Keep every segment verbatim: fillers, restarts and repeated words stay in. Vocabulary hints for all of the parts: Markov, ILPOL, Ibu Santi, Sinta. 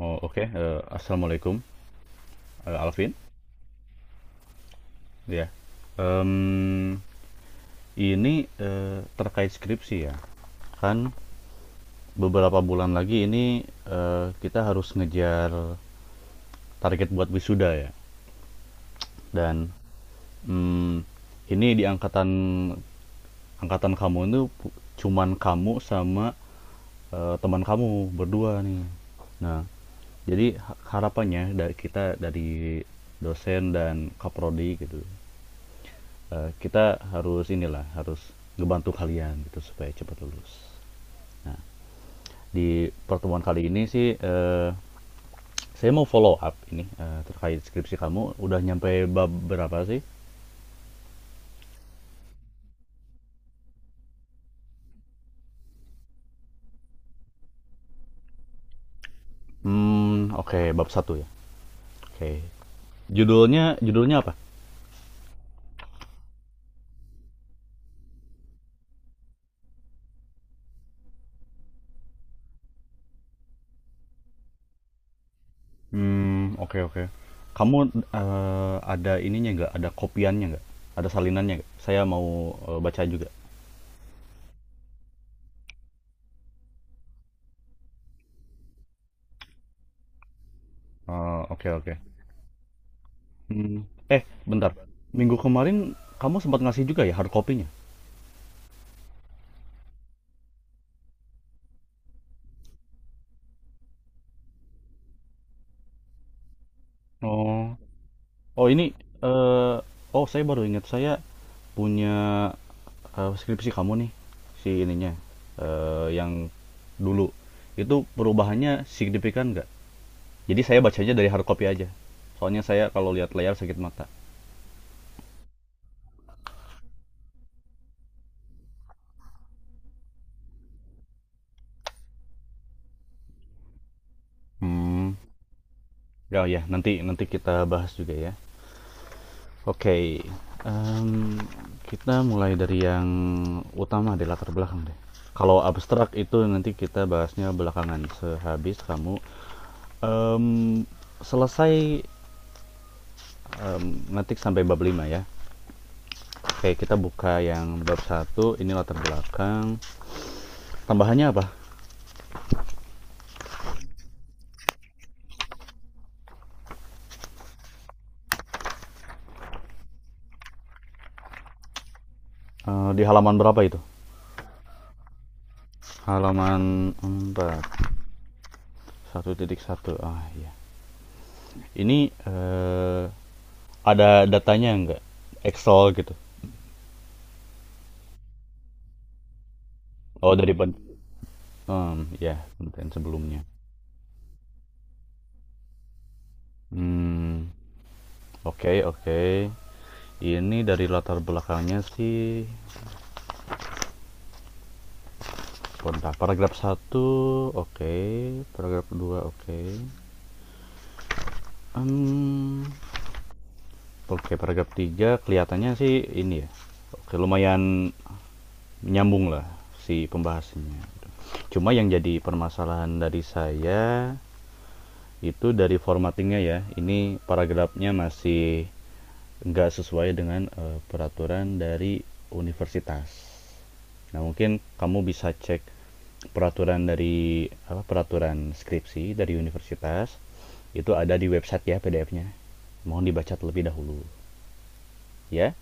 Oh, oke. Eh, assalamualaikum, eh, Alvin. Ya. Em, ini eh, terkait skripsi, ya. Kan beberapa bulan lagi ini eh, kita harus ngejar target buat wisuda, ya. Dan mm, ini di angkatan angkatan kamu itu pu- cuman kamu sama eh, teman kamu berdua nih. Nah, jadi ha- harapannya dari kita, dari dosen dan kaprodi gitu, eee, kita harus inilah, harus ngebantu kalian gitu supaya cepat lulus. Nah, di pertemuan kali ini sih, eee, saya mau follow up ini, eee, terkait skripsi kamu udah nyampe bab berapa sih? Hmm oke, okay, bab satu ya? Oke. Okay. Judulnya judulnya apa? Hmm oke, okay, oke. Okay. Kamu, eee, ada ininya nggak, ada kopiannya nggak? Ada salinannya nggak? Saya mau, eee, baca juga. Oh, oke oke. Mmm, eh Bentar, minggu kemarin kamu sempat ngasih juga ya hard copy-nya? Oh, oh ini, eh, oh, saya baru ingat saya punya eh, skripsi kamu nih, si ininya, eh, yang dulu. Itu perubahannya signifikan nggak? Jadi saya bacanya dari hard copy aja. Soalnya saya kalau lihat layar sakit mata. Hmm, ya ya, nanti nanti kita bahas juga ya. Oke, em, kita mulai dari yang utama deh, latar belakang deh. Kalau abstrak itu nanti kita bahasnya belakangan sehabis kamu Em, selesai em, ngetik sampai bab lima ya. Oke, kita buka yang bab satu ini latar belakang. Tambahannya apa? Eh, di halaman berapa itu? Halaman empat, satu titik satu. Ah, iya. Ini eh, ada datanya enggak? Excel gitu. Oh, dari pen em, ya, penelitian sebelumnya. Hmm, oke, okay, oke. Okay. Ini dari latar belakangnya sih, bentar, paragraf satu oke, okay. Paragraf dua oke. Okay. Mmm, oke, paragraf tiga kelihatannya sih ini ya, oke, lumayan nyambung lah si pembahasannya. Cuma yang jadi permasalahan dari saya itu dari formattingnya ya. Ini paragrafnya masih nggak sesuai dengan eh, peraturan dari universitas. Nah, mungkin kamu bisa cek peraturan dari apa, peraturan skripsi dari universitas itu ada di website ya, PDF-nya. Mohon dibaca terlebih dahulu ya.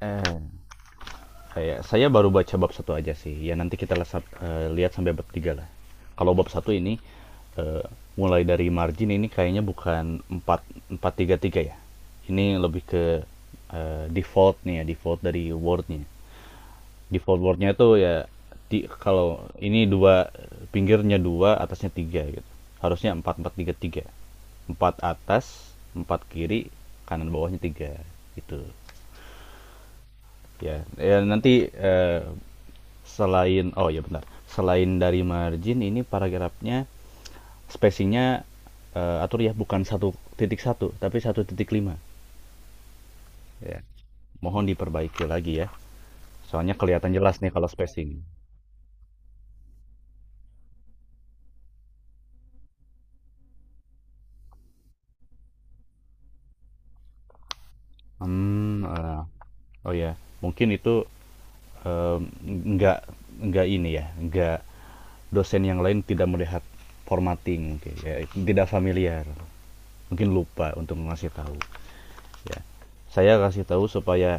Eh, saya saya baru baca bab satu aja sih. Ya nanti kita lesap, eh, lihat sampai bab tiga lah. Kalau bab satu ini eh, mulai dari margin ini kayaknya bukan empat empat tiga tiga ya. Ini lebih ke eh, default nih ya, default dari wordnya. Default wordnya itu ya di, kalau ini dua, pinggirnya dua atasnya tiga gitu. Harusnya empat empat tiga tiga. Empat atas, empat kiri, kanan bawahnya tiga gitu ya ya, nanti eh, selain oh ya benar. Selain dari margin ini, paragrafnya spacingnya eh, atur ya, bukan satu titik satu tapi satu titik lima. Ya. Mohon diperbaiki lagi ya. Soalnya kelihatan jelas nih kalau spacing. Hmm, eh, oh ya, mungkin itu eh, nggak nggak ini ya, nggak, dosen yang lain tidak melihat formatting mungkin ya, tidak familiar. Mungkin lupa untuk ngasih tahu. Ya, saya kasih tahu supaya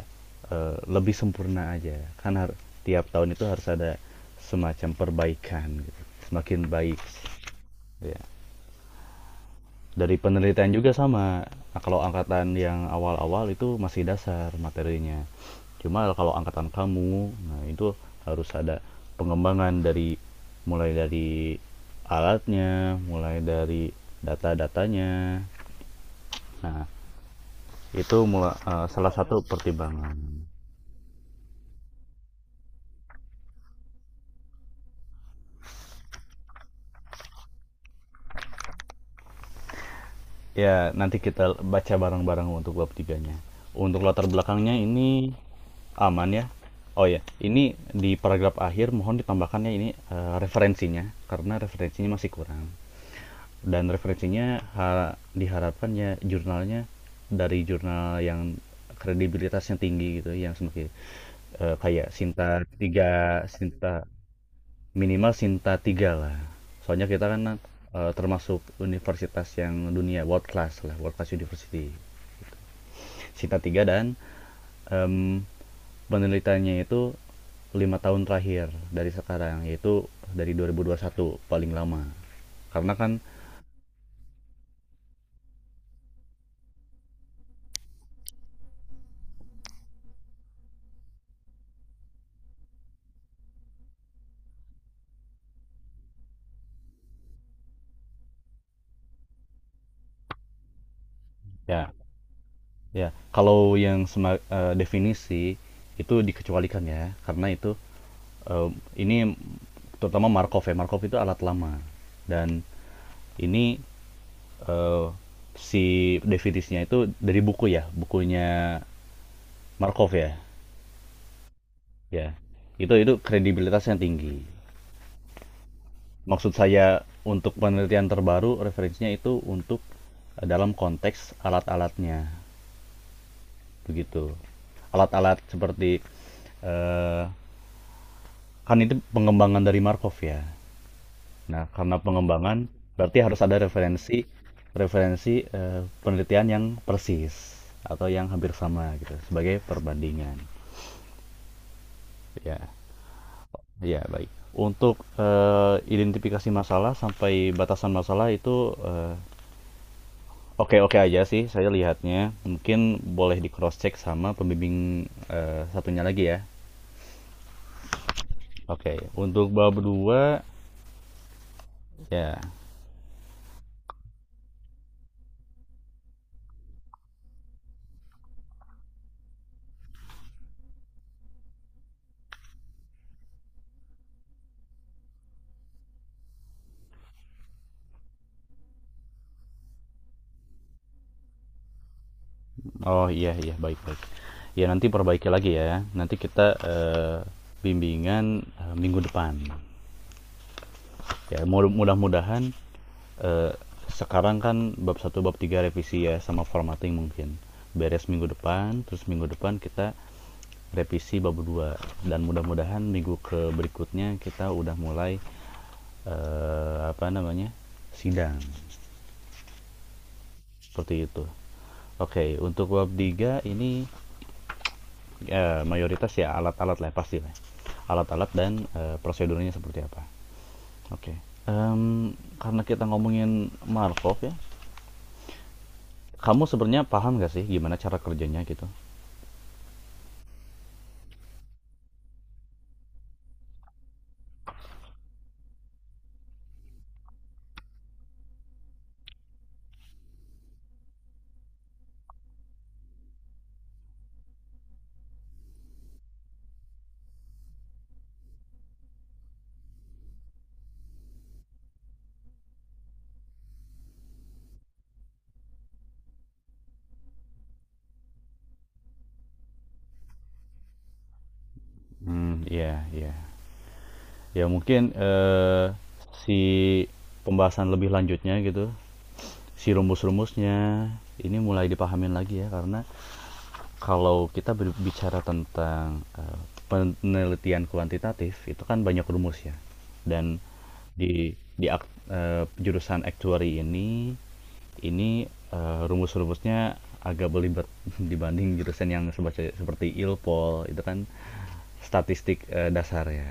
eh, lebih sempurna aja, kan har- tiap tahun itu harus ada semacam perbaikan gitu. Semakin baik ya, dari penelitian juga sama. Nah, kalau angkatan yang awal-awal itu masih dasar materinya, cuma kalau angkatan kamu nah itu harus ada pengembangan dari, mulai dari alatnya, mulai dari data-datanya, nah itu mula- eh, salah satu pertimbangan. Ya, nanti kita baca bareng-bareng untuk bab tiganya. Untuk latar belakangnya ini aman ya. Oh ya, ini di paragraf akhir mohon ditambahkannya ini eh, referensinya karena referensinya masih kurang dan referensinya ha- diharapkan ya jurnalnya, dari jurnal yang kredibilitasnya tinggi gitu, yang seperti eh, kayak Sinta tiga, Sinta, minimal Sinta tiga lah. Soalnya kita kan eh, termasuk universitas yang dunia world class lah, world class university. Sita tiga dan em, penelitiannya itu lima tahun terakhir dari sekarang, yaitu dari dua nol dua satu paling lama, karena kan ya. Ya kalau yang sema- eh, definisi itu dikecualikan ya karena itu em, ini, terutama Markov ya, Markov itu alat lama dan ini eh, si definisinya itu dari buku ya, bukunya Markov ya, ya itu itu kredibilitasnya tinggi. Maksud saya untuk penelitian terbaru referensinya itu untuk eh, dalam konteks alat-alatnya, begitu. Alat-alat seperti eh, kan itu pengembangan dari Markov ya. Nah, karena pengembangan berarti harus ada referensi, referensi eh, penelitian yang persis atau yang hampir sama gitu sebagai perbandingan. Ya, ya baik. Untuk eh, identifikasi masalah sampai batasan masalah itu eh, oke-oke aja sih saya lihatnya. Mungkin boleh di cross check sama pembimbing eh, satunya lagi ya. Oke, untuk bab dua ya. Oh iya iya, baik-baik. Ya nanti perbaiki lagi ya. Nanti kita eh, bimbingan eh, minggu depan. Ya mudah- mudahan eh, sekarang kan bab satu bab tiga revisi ya sama formatting mungkin. Beres minggu depan, terus minggu depan kita revisi bab dua dan mudah-mudahan minggu ke berikutnya kita udah mulai eh, apa namanya, sidang seperti itu. Oke, untuk bab tiga ini eh, mayoritas ya alat-alat lah pasti lah. Alat-alat dan eh, prosedurnya seperti apa. Oke. Em, karena kita ngomongin Markov ya, kamu sebenarnya paham gak sih gimana cara kerjanya gitu? Hmm, iya, iya. Ya mungkin eh, si pembahasan lebih lanjutnya gitu, si rumus-rumusnya ini mulai dipahamin lagi ya karena kalau kita berbicara tentang, eee, penelitian kuantitatif, itu kan banyak rumus ya, dan di di ak eee, jurusan actuary ini, ini, eee, rumus-rumusnya agak belibet dibanding jurusan yang sebace seperti ilpol itu kan statistik, eee, dasar ya.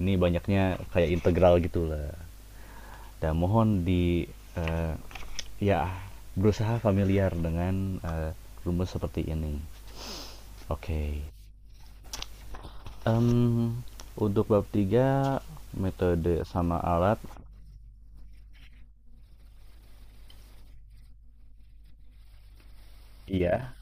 Ini banyaknya kayak integral gitulah. Dan mohon di, eee, ya berusaha familiar dengan, eee, rumus seperti ini. Oke. Mmm, untuk bab tiga metode sama alat, iya.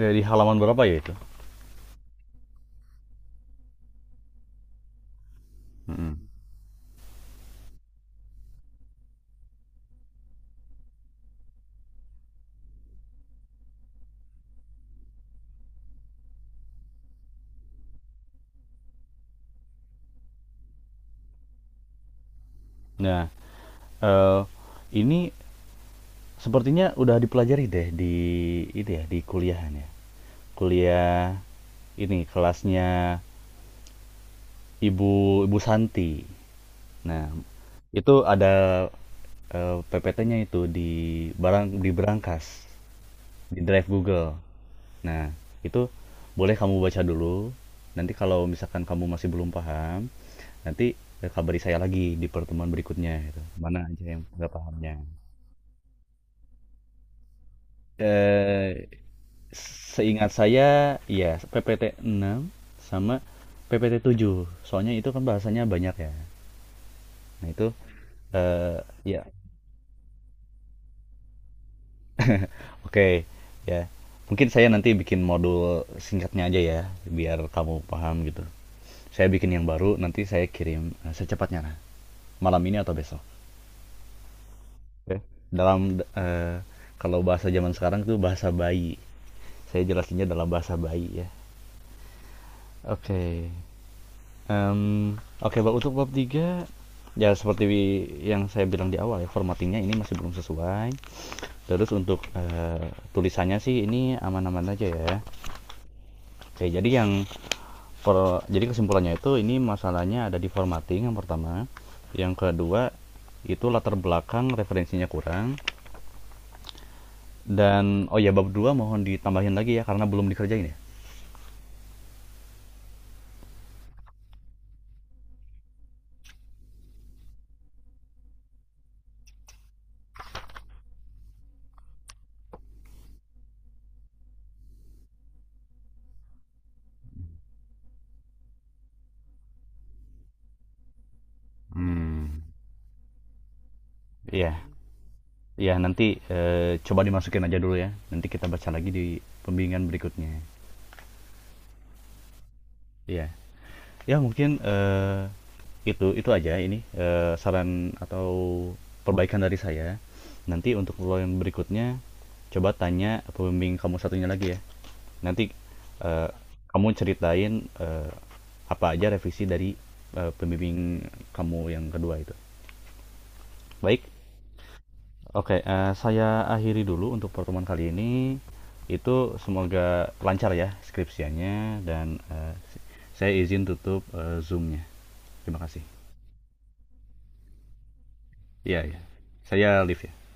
Dari halaman berapa ya itu? Mhm. Nah, eee, ini sepertinya udah dipelajari deh di itu ya, di kuliahan ya. Kuliah ini kelasnya Ibu Ibu Santi. Nah, itu ada, eee, P P T-nya itu di barang di berangkas, di drive Google. Nah, itu boleh kamu baca dulu. Nanti kalau misalkan kamu masih belum paham, nanti, eee, kabari saya lagi di pertemuan berikutnya gitu, mana aja yang nggak pahamnya. eh Seingat saya iya, P P T enam sama P P T tujuh, soalnya itu kan bahasanya banyak ya. Nah itu, eee, iya oke, ya. Mungkin saya nanti bikin modul singkatnya aja ya, biar kamu paham gitu. Saya bikin yang baru, nanti saya kirim, eee, secepatnya lah, malam ini atau besok. Dalam eh, kalau bahasa zaman sekarang itu bahasa bayi. Saya jelasinnya dalam bahasa bayi ya. Oke. Em, oke, Pak, untuk bab tiga ya seperti yang saya bilang di awal ya, formattingnya ini masih belum sesuai. Terus untuk eh, tulisannya sih ini aman-aman aja ya. Oke, jadi yang per- jadi kesimpulannya itu ini masalahnya ada di formatting yang pertama. Yang kedua itu latar belakang referensinya kurang dan oh ya bab dua mohon ditambahin lagi ya karena belum dikerjain ya. Hmm, iya, iya, nanti eh, coba dimasukin aja dulu ya. Nanti kita baca lagi di pembimbingan berikutnya. Iya, ya mungkin eh, itu itu aja ini eh, saran atau perbaikan dari saya. Nanti untuk lo yang berikutnya coba tanya pembimbing kamu satunya lagi ya. Nanti eh, kamu ceritain eh, apa aja revisi dari eh, pembimbing kamu yang kedua itu. Baik, oke, eh, saya akhiri dulu untuk pertemuan kali ini. Itu semoga lancar ya skripsiannya dan eh, saya izin tutup eh, Zoom-nya. Terima kasih. Iya, iya. Saya live ya.